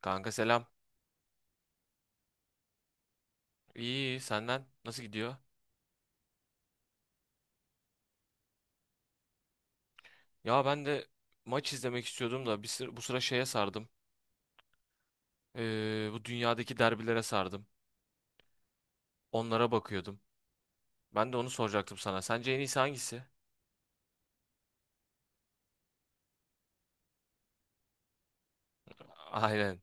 Kanka selam. İyi, iyi senden nasıl gidiyor? Ya ben de maç izlemek istiyordum da bu sıra şeye sardım. Bu dünyadaki derbilere sardım. Onlara bakıyordum. Ben de onu soracaktım sana. Sence en iyisi hangisi? Aynen.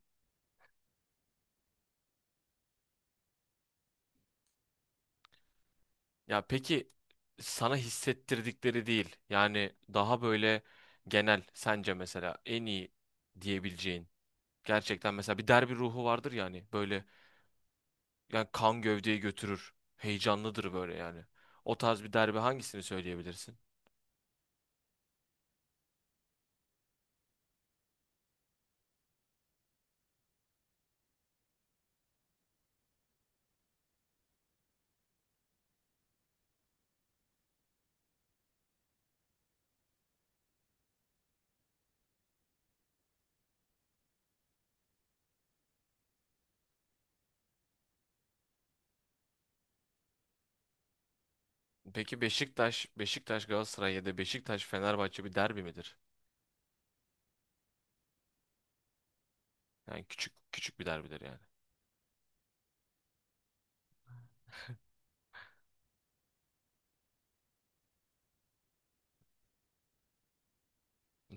Ya peki sana hissettirdikleri değil. Yani daha böyle genel sence mesela en iyi diyebileceğin. Gerçekten mesela bir derbi ruhu vardır yani. Böyle yani kan gövdeyi götürür. Heyecanlıdır böyle yani. O tarz bir derbi hangisini söyleyebilirsin? Peki Beşiktaş, Beşiktaş Galatasaray ya da Beşiktaş Fenerbahçe bir derbi midir? Yani küçük küçük bir derbidir yani.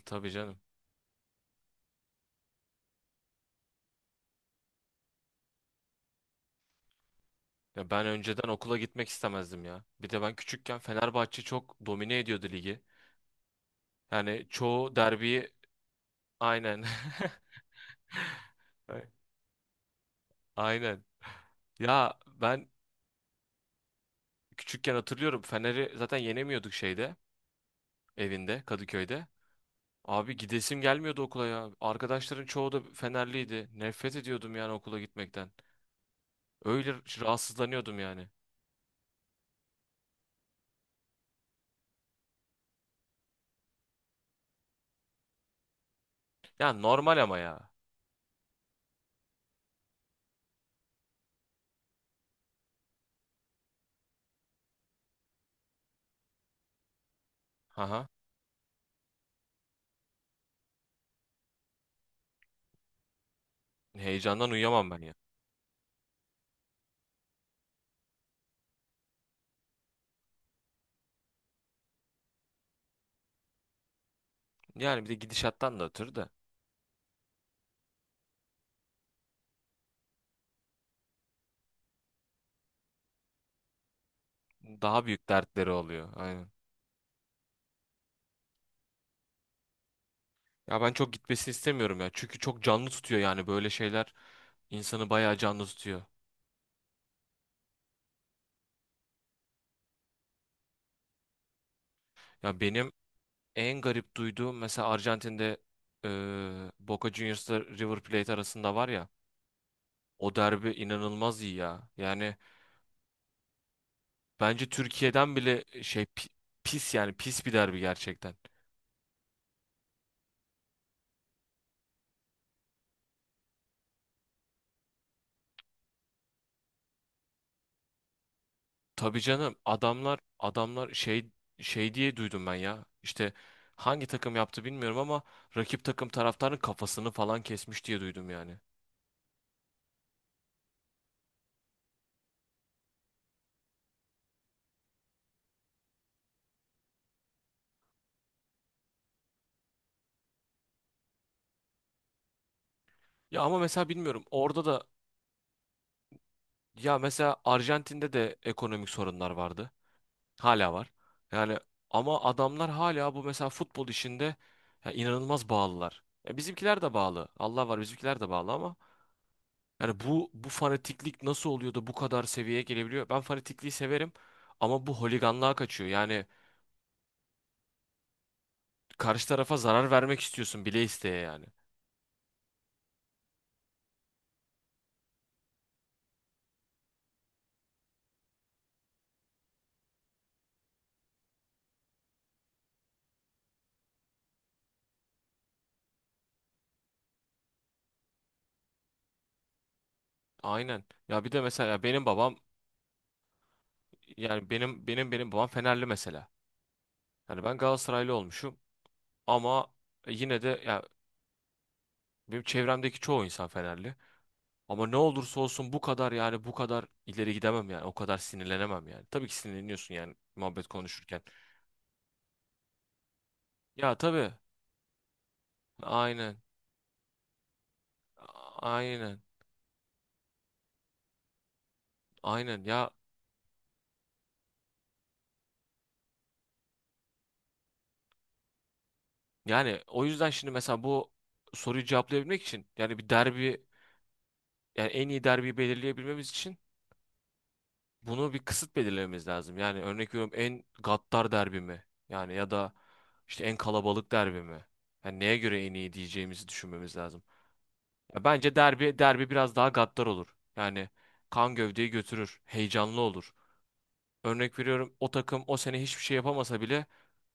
Tabii canım. Ya ben önceden okula gitmek istemezdim ya. Bir de ben küçükken Fenerbahçe çok domine ediyordu ligi. Yani çoğu derbiyi aynen. Ay- Aynen. Ya ben küçükken hatırlıyorum Fener'i zaten yenemiyorduk şeyde, evinde, Kadıköy'de. Abi gidesim gelmiyordu okula ya. Arkadaşların çoğu da Fenerliydi. Nefret ediyordum yani okula gitmekten. Öyle rahatsızlanıyordum yani. Ya normal ama ya. Aha. Heyecandan uyuyamam ben ya. Yani bir de gidişattan da ötürü de daha büyük dertleri oluyor. Aynen. Ya ben çok gitmesini istemiyorum ya. Çünkü çok canlı tutuyor yani böyle şeyler insanı bayağı canlı tutuyor. Ya benim en garip duyduğum mesela Arjantin'de Boca Juniors'la River Plate arasında var ya. O derbi inanılmaz iyi ya. Yani bence Türkiye'den bile pis yani pis bir derbi gerçekten. Tabii canım adamlar şey şey diye duydum ben ya. İşte hangi takım yaptı bilmiyorum ama rakip takım taraftarın kafasını falan kesmiş diye duydum yani. Ya ama mesela bilmiyorum orada da ya mesela Arjantin'de de ekonomik sorunlar vardı. Hala var. Yani ama adamlar hala bu mesela futbol işinde ya inanılmaz bağlılar. Ya bizimkiler de bağlı. Allah var bizimkiler de bağlı ama yani bu fanatiklik nasıl oluyor da bu kadar seviyeye gelebiliyor? Ben fanatikliği severim ama bu holiganlığa kaçıyor. Yani karşı tarafa zarar vermek istiyorsun bile isteye yani. Aynen. Ya bir de mesela benim babam yani benim babam Fenerli mesela. Yani ben Galatasaraylı olmuşum ama yine de ya benim çevremdeki çoğu insan Fenerli. Ama ne olursa olsun bu kadar yani bu kadar ileri gidemem yani. O kadar sinirlenemem yani. Tabii ki sinirleniyorsun yani muhabbet konuşurken. Ya tabii. Aynen. Aynen. Aynen ya yani o yüzden şimdi mesela bu soruyu cevaplayabilmek için yani bir derbi yani en iyi derbiyi belirleyebilmemiz için bunu bir kısıt belirlememiz lazım. Yani örnek veriyorum en gaddar derbi mi? Yani ya da işte en kalabalık derbi mi? Yani neye göre en iyi diyeceğimizi düşünmemiz lazım. Ya bence derbi derbi biraz daha gaddar olur. Yani kan gövdeyi götürür, heyecanlı olur. Örnek veriyorum o takım o sene hiçbir şey yapamasa bile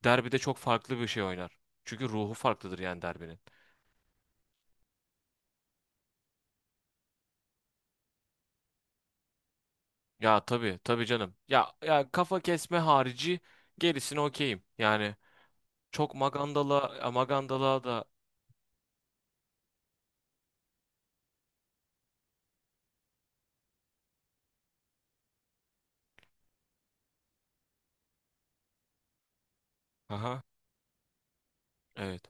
derbide çok farklı bir şey oynar. Çünkü ruhu farklıdır yani derbinin. Ya tabii tabii canım. Ya ya kafa kesme harici gerisini okeyim. Yani çok magandala magandala da aha evet.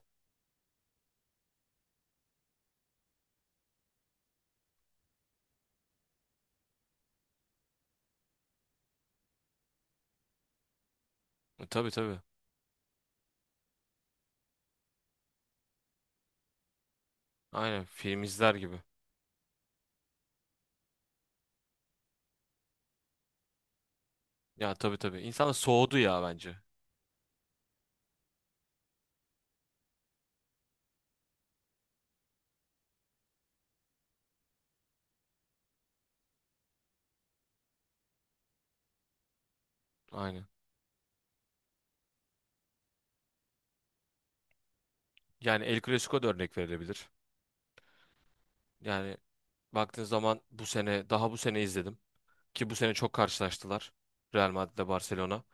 Tabii tabii. Aynen film izler gibi. Ya tabii tabii. İnsan da soğudu ya bence. Aynen. Yani El Clasico da örnek verilebilir. Yani baktığın zaman bu sene daha bu sene izledim ki bu sene çok karşılaştılar. Real Madrid'le Barcelona.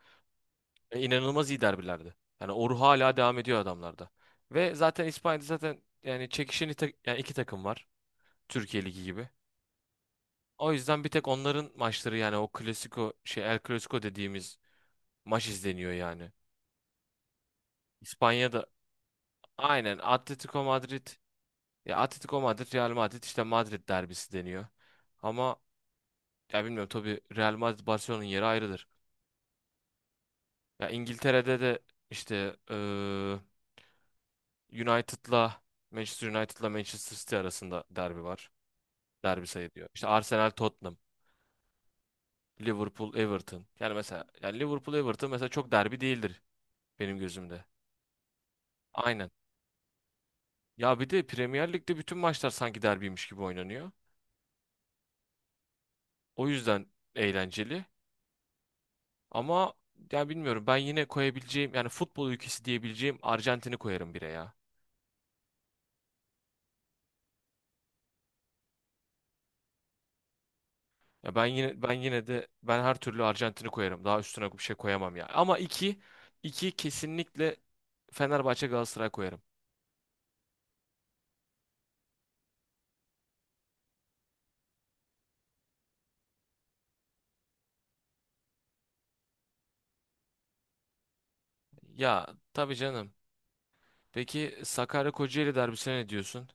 İnanılmaz iyi derbilerdi. Yani o ruh hala devam ediyor adamlarda. Ve zaten İspanya'da zaten yani yani iki takım var. Türkiye Ligi gibi. O yüzden bir tek onların maçları yani o Clasico şey El Clasico dediğimiz maç izleniyor yani. İspanya'da aynen Atletico Madrid ya Atletico Madrid Real Madrid işte Madrid derbisi deniyor. Ama ya bilmiyorum tabii Real Madrid Barcelona'nın yeri ayrıdır. Ya İngiltere'de de işte United'la Manchester United'la Manchester City arasında derbi var. Derbi sayılıyor. İşte Arsenal Tottenham, Liverpool Everton. Yani mesela yani Liverpool Everton mesela çok derbi değildir benim gözümde. Aynen. Ya bir de Premier Lig'de bütün maçlar sanki derbiymiş gibi oynanıyor. O yüzden eğlenceli. Ama ya bilmiyorum ben yine koyabileceğim yani futbol ülkesi diyebileceğim Arjantin'i koyarım bire ya. Ya ben yine ben yine de ben her türlü Arjantin'i koyarım. Daha üstüne bir şey koyamam ya. Ama iki kesinlikle Fenerbahçe Galatasaray koyarım. Ya tabii canım. Peki Sakarya Kocaeli derbisine ne diyorsun?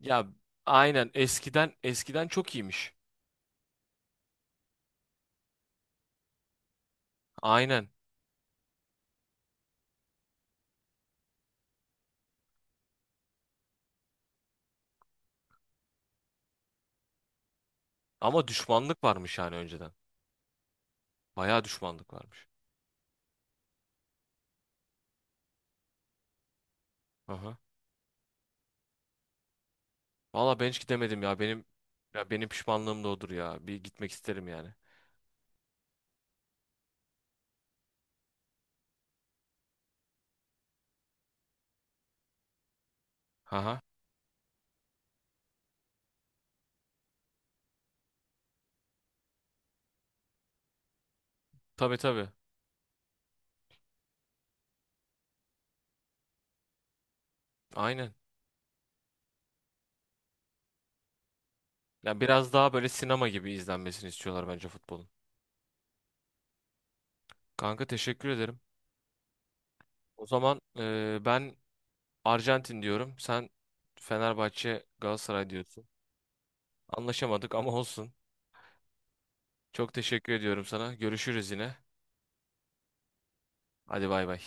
Ya aynen eskiden çok iyiymiş. Aynen. Ama düşmanlık varmış yani önceden. Bayağı düşmanlık varmış. Aha. Valla ben hiç gidemedim ya. Benim pişmanlığım da odur ya. Bir gitmek isterim yani. Aha. Tabii tabii. Aynen. Ya biraz daha böyle sinema gibi izlenmesini istiyorlar bence futbolun. Kanka teşekkür ederim. O zaman ben Arjantin diyorum. Sen Fenerbahçe Galatasaray diyorsun. Anlaşamadık ama olsun. Çok teşekkür ediyorum sana. Görüşürüz yine. Hadi bay bay.